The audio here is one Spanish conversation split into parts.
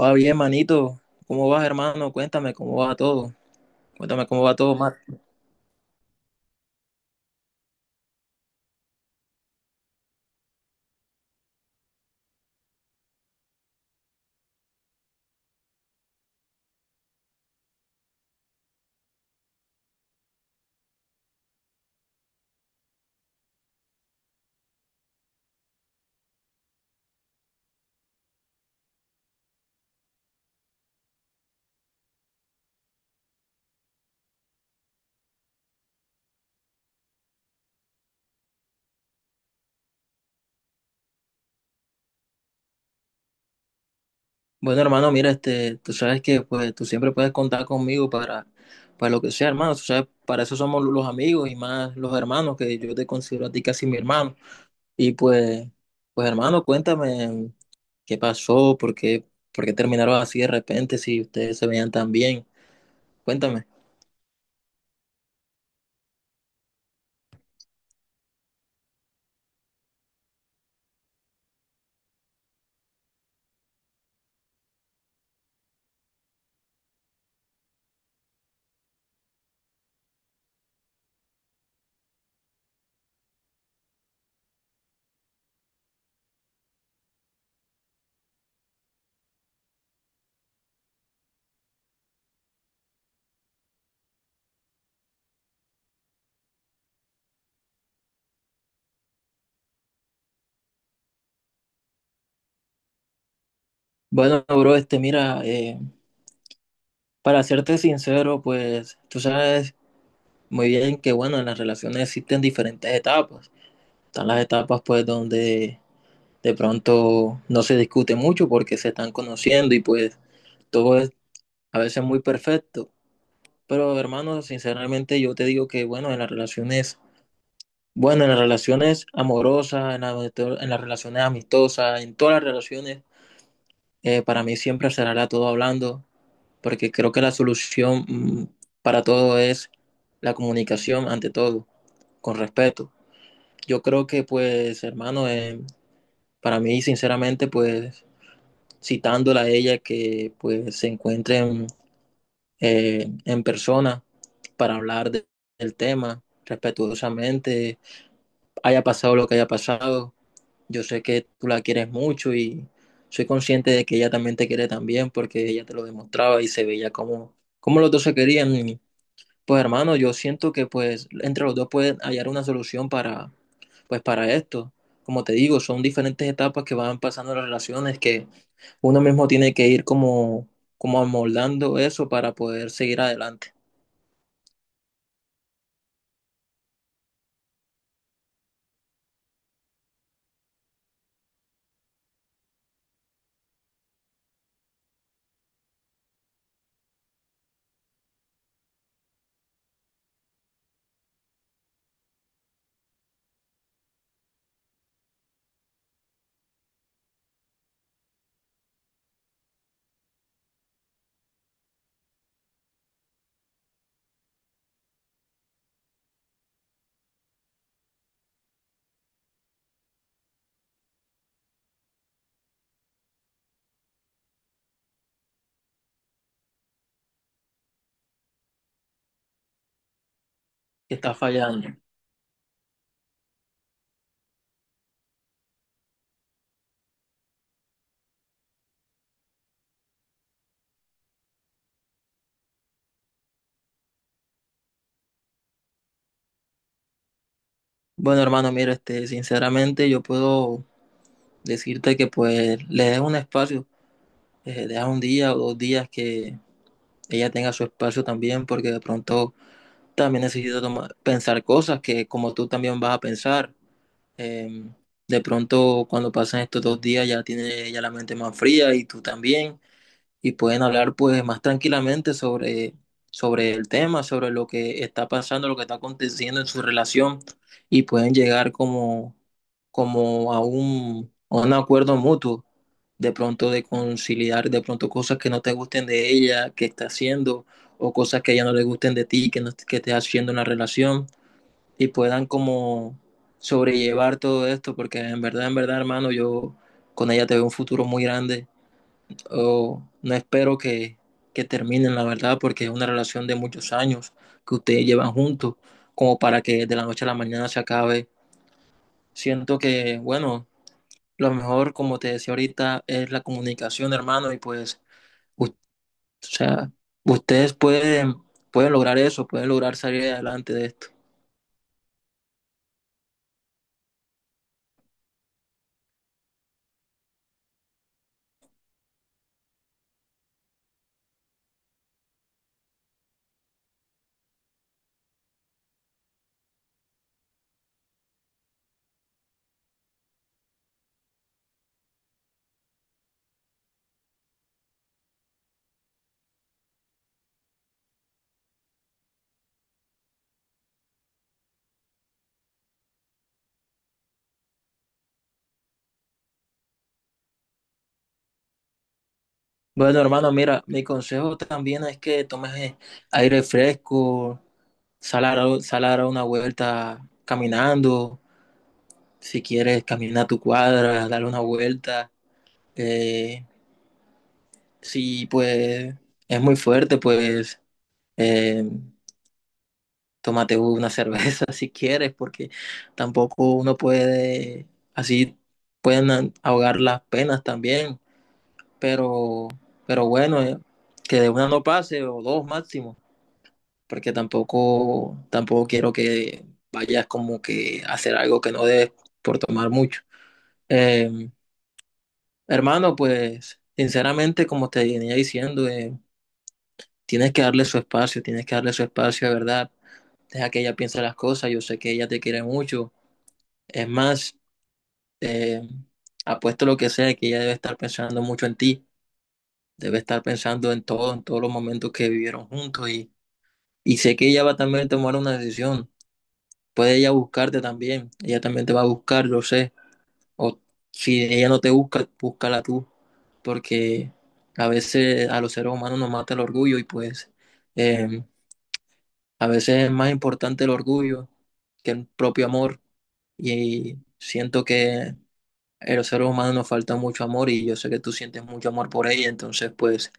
Va bien, manito. ¿Cómo vas, hermano? Cuéntame cómo va todo. Cuéntame cómo va todo, Mar. Bueno, hermano, mira, tú sabes que pues tú siempre puedes contar conmigo para lo que sea, hermano. Tú sabes, para eso somos los amigos y más los hermanos, que yo te considero a ti casi mi hermano. Y pues, pues hermano, cuéntame qué pasó, por qué terminaron así de repente, si ustedes se veían tan bien. Cuéntame. Bueno, bro, mira, para serte sincero, pues, tú sabes muy bien que, bueno, en las relaciones existen diferentes etapas. Están las etapas, pues, donde de pronto no se discute mucho porque se están conociendo y, pues, todo es a veces muy perfecto. Pero, hermano, sinceramente yo te digo que, bueno, en las relaciones, bueno, en las relaciones amorosas, en las relaciones amistosas, en todas las relaciones, para mí siempre será todo hablando, porque creo que la solución, para todo es la comunicación ante todo, con respeto. Yo creo que pues, hermano, para mí, sinceramente, pues, citándola a ella, que pues se encuentren en persona para hablar del tema respetuosamente, haya pasado lo que haya pasado. Yo sé que tú la quieres mucho y soy consciente de que ella también te quiere también porque ella te lo demostraba y se veía como, como los dos se querían y pues hermano, yo siento que pues entre los dos pueden hallar una solución para pues para esto. Como te digo, son diferentes etapas que van pasando las relaciones que uno mismo tiene que ir como como amoldando eso para poder seguir adelante. Está fallando. Bueno, hermano, mira, este sinceramente yo puedo decirte que pues le des un espacio, deja un día o dos días que ella tenga su espacio también porque de pronto también necesita pensar cosas que como tú también vas a pensar. Eh, de pronto, cuando pasan estos dos días, ya tiene ya la mente más fría y tú también, y pueden hablar pues más tranquilamente sobre, sobre el tema, sobre lo que está pasando, lo que está aconteciendo en su relación, y pueden llegar como, como a un acuerdo mutuo, de pronto de conciliar, de pronto cosas que no te gusten de ella, que está haciendo, o cosas que a ella no le gusten de ti, que, no, que estés haciendo en la relación y puedan como sobrellevar todo esto, porque en verdad, hermano, yo con ella te veo un futuro muy grande. Oh, no espero que terminen, la verdad, porque es una relación de muchos años que ustedes llevan juntos, como para que de la noche a la mañana se acabe. Siento que, bueno, lo mejor, como te decía ahorita, es la comunicación, hermano, y pues, o sea, ustedes pueden, pueden lograr eso, pueden lograr salir adelante de esto. Bueno, hermano, mira, mi consejo también es que tomes aire fresco, sal a una vuelta caminando, si quieres camina tu cuadra, dale una vuelta. Eh, si pues es muy fuerte, pues eh, tómate una cerveza si quieres, porque tampoco uno puede, así pueden ahogar las penas también, pero, pero bueno, que de una no pase o dos máximo. Porque tampoco, tampoco quiero que vayas como que a hacer algo que no debes por tomar mucho. Eh, Hermano, pues sinceramente, como te venía diciendo, tienes que darle su espacio, tienes que darle su espacio de verdad. Deja que ella piense las cosas, yo sé que ella te quiere mucho. Es más, eh, apuesto lo que sea, que ella debe estar pensando mucho en ti, debe estar pensando en todo, en todos los momentos que vivieron juntos y sé que ella va también a tomar una decisión. Puede ella buscarte también, ella también te va a buscar, lo sé. O si ella no te busca, búscala tú, porque a veces a los seres humanos nos mata el orgullo y pues eh, a veces es más importante el orgullo que el propio amor. Y siento que a los seres humanos nos falta mucho amor y yo sé que tú sientes mucho amor por ella, entonces pues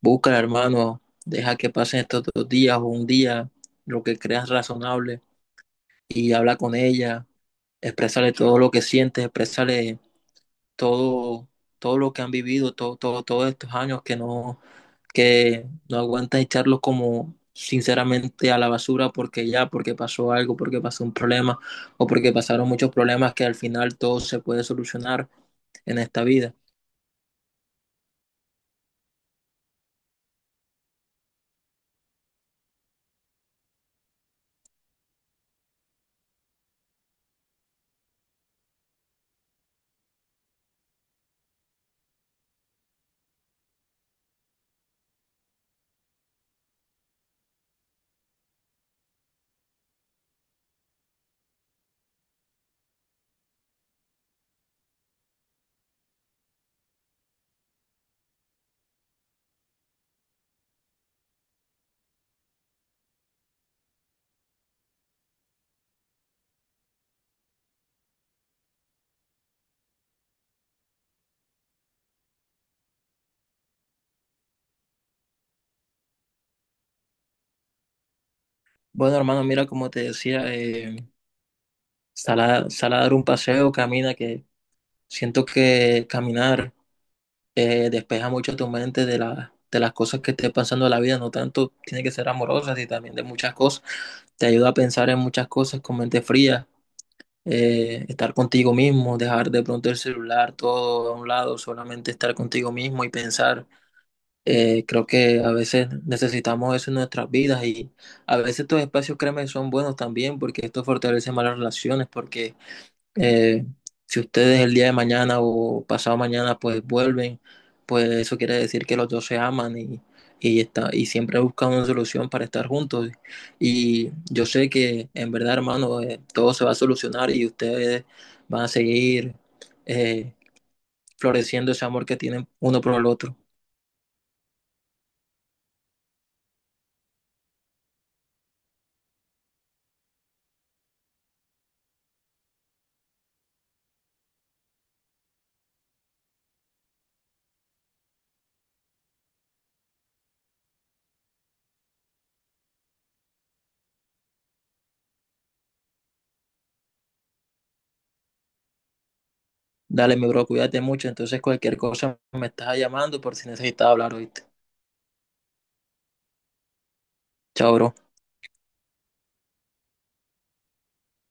búscala, hermano, deja que pasen estos dos días o un día, lo que creas razonable y hablar con ella, expresarle todo lo que sientes, expresarle todo, todo lo que han vivido, todo, todo, todos estos años que no aguantas echarlos como sinceramente a la basura porque ya, porque pasó algo, porque pasó un problema o porque pasaron muchos problemas que al final todo se puede solucionar en esta vida. Bueno, hermano, mira, como te decía, sal a, sal a dar un paseo, camina, que siento que caminar despeja mucho tu mente de, de las cosas que estés pasando en la vida, no tanto tiene que ser amorosas y también de muchas cosas. Te ayuda a pensar en muchas cosas con mente fría, estar contigo mismo, dejar de pronto el celular todo a un lado, solamente estar contigo mismo y pensar. Creo que a veces necesitamos eso en nuestras vidas y a veces estos espacios, créeme, son buenos también porque esto fortalece más las relaciones, porque eh, si ustedes el día de mañana o pasado mañana pues vuelven, pues eso quiere decir que los dos se aman y, está, y siempre buscan una solución para estar juntos. Y yo sé que en verdad, hermano, todo se va a solucionar y ustedes van a seguir eh, floreciendo ese amor que tienen uno por el otro. Dale, mi bro, cuídate mucho. Entonces, cualquier cosa me estás llamando por si necesitas hablar, ¿oíste? Chao, bro.